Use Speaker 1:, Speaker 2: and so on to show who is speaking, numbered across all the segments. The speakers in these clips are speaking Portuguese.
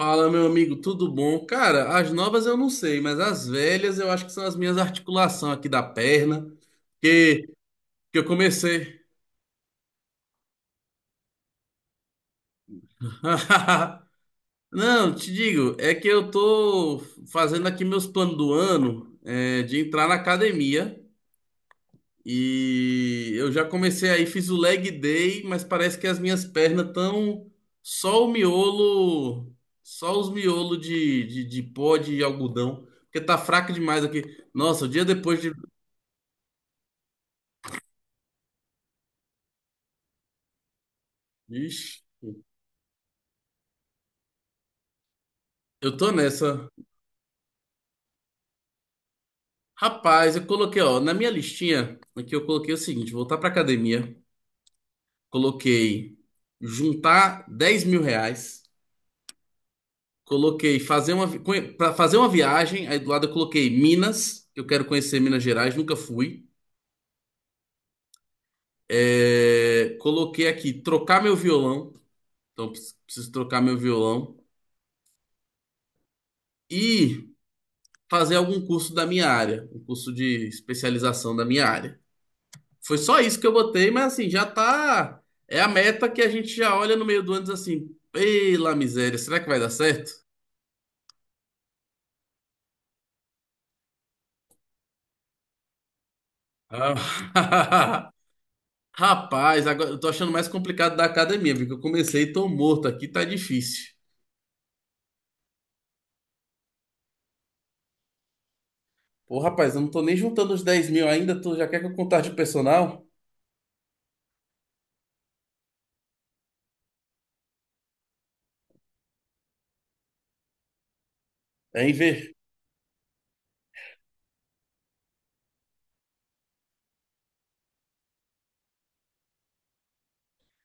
Speaker 1: Fala, meu amigo, tudo bom? Cara, as novas eu não sei, mas as velhas eu acho que são as minhas articulações aqui da perna, que, que eu comecei. Não, te digo, é que eu tô fazendo aqui meus planos do ano, de entrar na academia e eu já comecei aí, fiz o leg day, mas parece que as minhas pernas estão só o miolo, só os miolos de pó de algodão, porque tá fraca demais aqui. Nossa, o dia depois de. Vixe, eu tô nessa. Rapaz, eu coloquei, ó, na minha listinha, aqui eu coloquei o seguinte: voltar pra academia, coloquei juntar 10.000 reais, coloquei fazer uma, pra fazer uma viagem, aí do lado eu coloquei Minas, que eu quero conhecer Minas Gerais, nunca fui. É, coloquei aqui trocar meu violão, então preciso trocar meu violão e fazer algum curso da minha área, um curso de especialização da minha área. Foi só isso que eu botei, mas assim, já tá. É a meta que a gente já olha no meio do ano e diz assim: pela miséria, será que vai dar certo? Ah. Rapaz, agora eu tô achando mais complicado da academia, viu? Que eu comecei e tô morto aqui, tá difícil. Pô, rapaz, eu não tô nem juntando os 10.000 ainda, tu já quer que eu contar de personal? É em ver.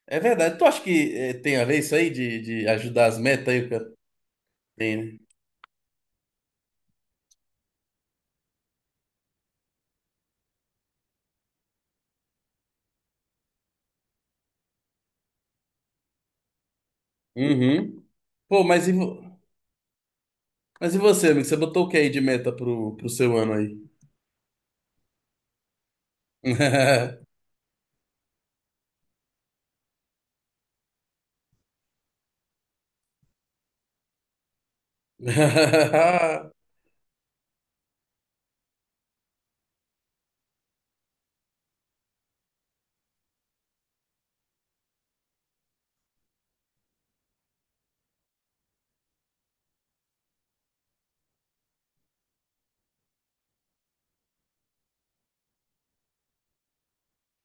Speaker 1: É verdade, tu acha que tem a ver isso aí de ajudar as metas aí? O que... Tem, né? Uhum. Pô, mas e você, amigo? Você botou o que aí de meta pro seu ano aí?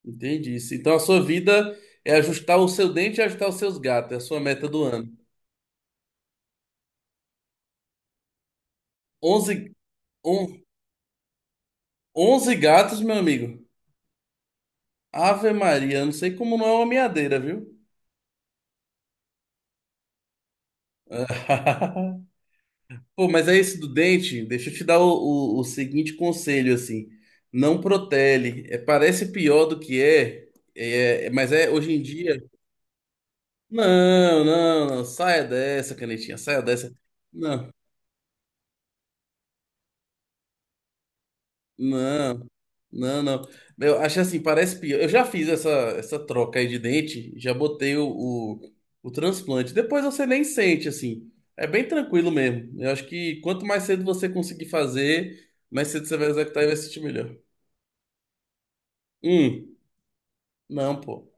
Speaker 1: Entendi isso. Então a sua vida é ajustar o seu dente e ajustar os seus gatos. É a sua meta do ano. 11, on- 11 gatos, meu amigo. Ave Maria, eu não sei como não é uma meadeira, viu? Pô, mas é esse do dente. Deixa eu te dar o seguinte conselho, assim. Não protele. É, parece pior do que é, mas é hoje em dia. Não, não, não. Saia dessa, canetinha, saia dessa. Não. Não, não, não. Eu acho assim, parece pior. Eu já fiz essa troca aí de dente, já botei o transplante. Depois você nem sente, assim. É bem tranquilo mesmo. Eu acho que quanto mais cedo você conseguir fazer, mais cedo você vai executar e vai se sentir melhor. Hum, não, pô.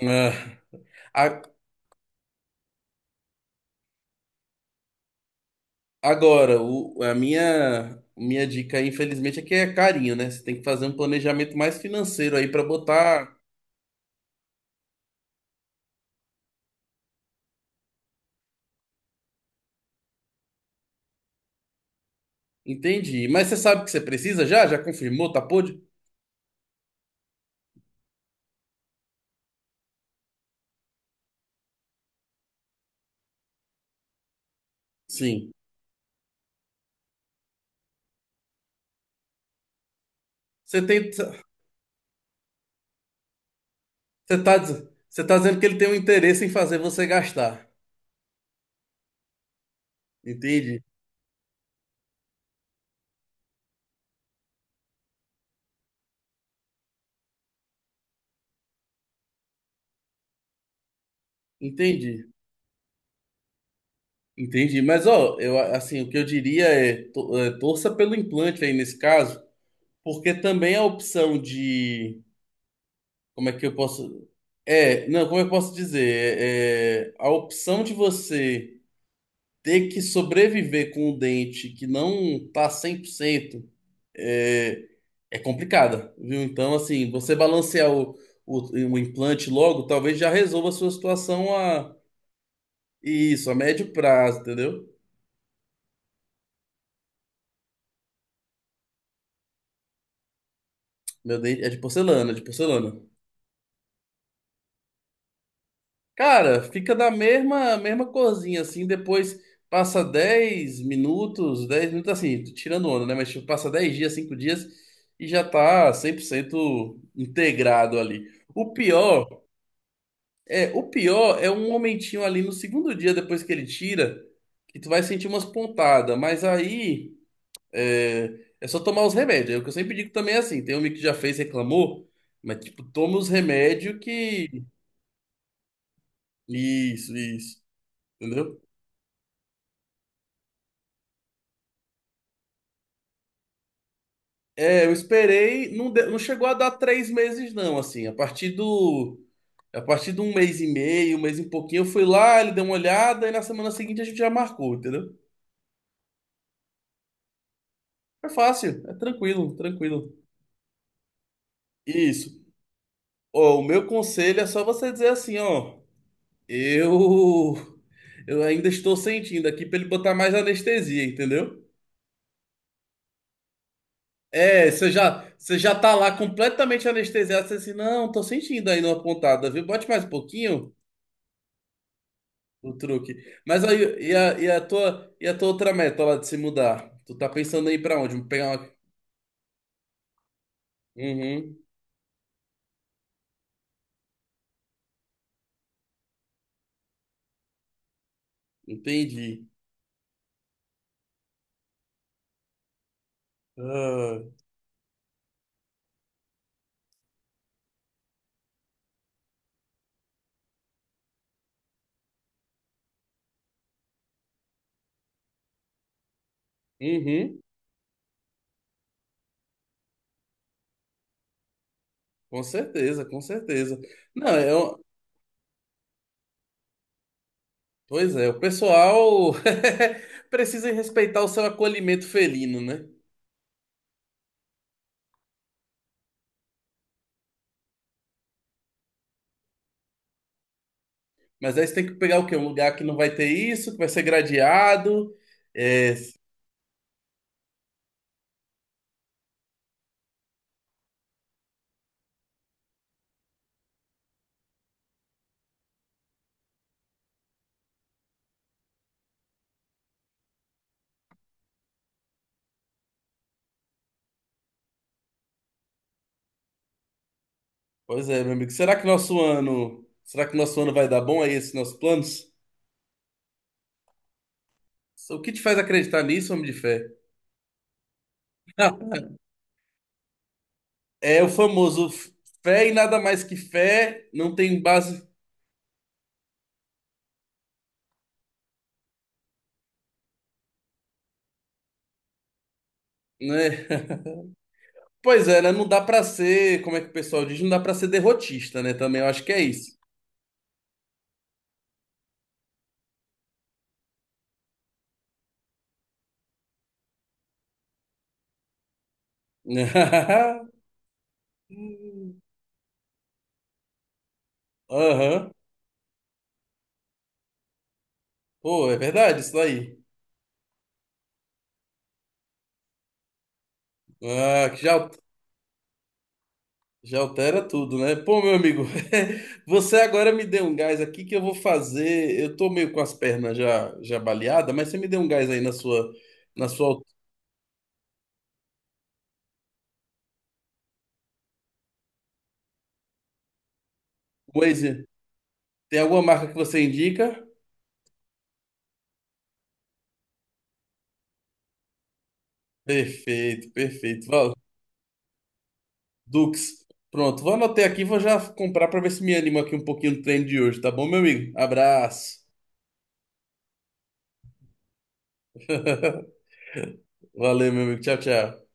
Speaker 1: Ah, a- agora, a minha dica aí, infelizmente, é que é carinho, né? Você tem que fazer um planejamento mais financeiro aí pra botar. Entendi. Mas você sabe o que você precisa já? Já confirmou? Tá por? Sim. Você tem, você tá, diz- você tá dizendo que ele tem um interesse em fazer você gastar. Entendi, entendi, entendi. Mas ó, eu assim, o que eu diria é, torça pelo implante aí nesse caso, porque também a opção de, como é que eu posso, não, como eu posso dizer, a opção de você ter que sobreviver com um dente que não tá 100% é, é complicada, viu? Então, assim, você balancear o, o implante logo, talvez já resolva a sua situação a isso, a médio prazo, entendeu? Meu dente é de porcelana, é de porcelana. Cara, fica da mesma mesma corzinha assim, depois passa 10 minutos, 10 minutos assim, tô tirando onda, né? Mas tipo, passa 10 dias, 5 dias e já tá 100% integrado ali. O pior o pior é um momentinho ali no segundo dia depois que ele tira, que tu vai sentir umas pontadas, mas aí é só tomar os remédios. É o que eu sempre digo também é assim, tem um amigo que já fez, reclamou, mas tipo, toma os remédios que... Isso, entendeu? É, eu esperei, não chegou a dar 3 meses não, assim, a partir do... A partir de um mês e meio, um mês e pouquinho, eu fui lá, ele deu uma olhada e na semana seguinte a gente já marcou, entendeu? É fácil, é tranquilo, tranquilo. Isso. Ó, o meu conselho é só você dizer assim, ó, eu eu ainda estou sentindo aqui para ele botar mais anestesia, entendeu? É, você já tá lá completamente anestesiado, você assim, não, tô sentindo aí numa pontada, viu? Bote mais um pouquinho o truque. Mas aí e a tua outra meta lá de se mudar? Tu tá pensando aí para onde? Pegar uma... Uhum, entendi. Ah, uhum, com certeza, com certeza. Não, Pois é, o pessoal precisa respeitar o seu acolhimento felino, né? Mas aí você tem que pegar o quê? Um lugar que não vai ter isso, que vai ser gradeado. É. Pois é, meu amigo. Será que nosso ano vai dar bom aí esses nossos planos? O que te faz acreditar nisso, homem de fé? É o famoso fé e nada mais que fé, não tem base, né? Pois é, né? Não dá pra ser, como é que o pessoal diz, não dá pra ser derrotista, né? Também eu acho que é isso. Aham. Pô, é verdade isso daí. Ah, que já altera tudo, né? Pô, meu amigo, você agora me deu um gás aqui que eu vou fazer. Eu tô meio com as pernas já baleadas, mas você me deu um gás aí na sua coisa. Tem alguma marca que você indica? Perfeito, perfeito. Dux. Pronto, vou anotar aqui, e vou já comprar pra ver se me anima aqui um pouquinho no treino de hoje, tá bom, meu amigo? Abraço. Valeu, meu amigo. Tchau, tchau.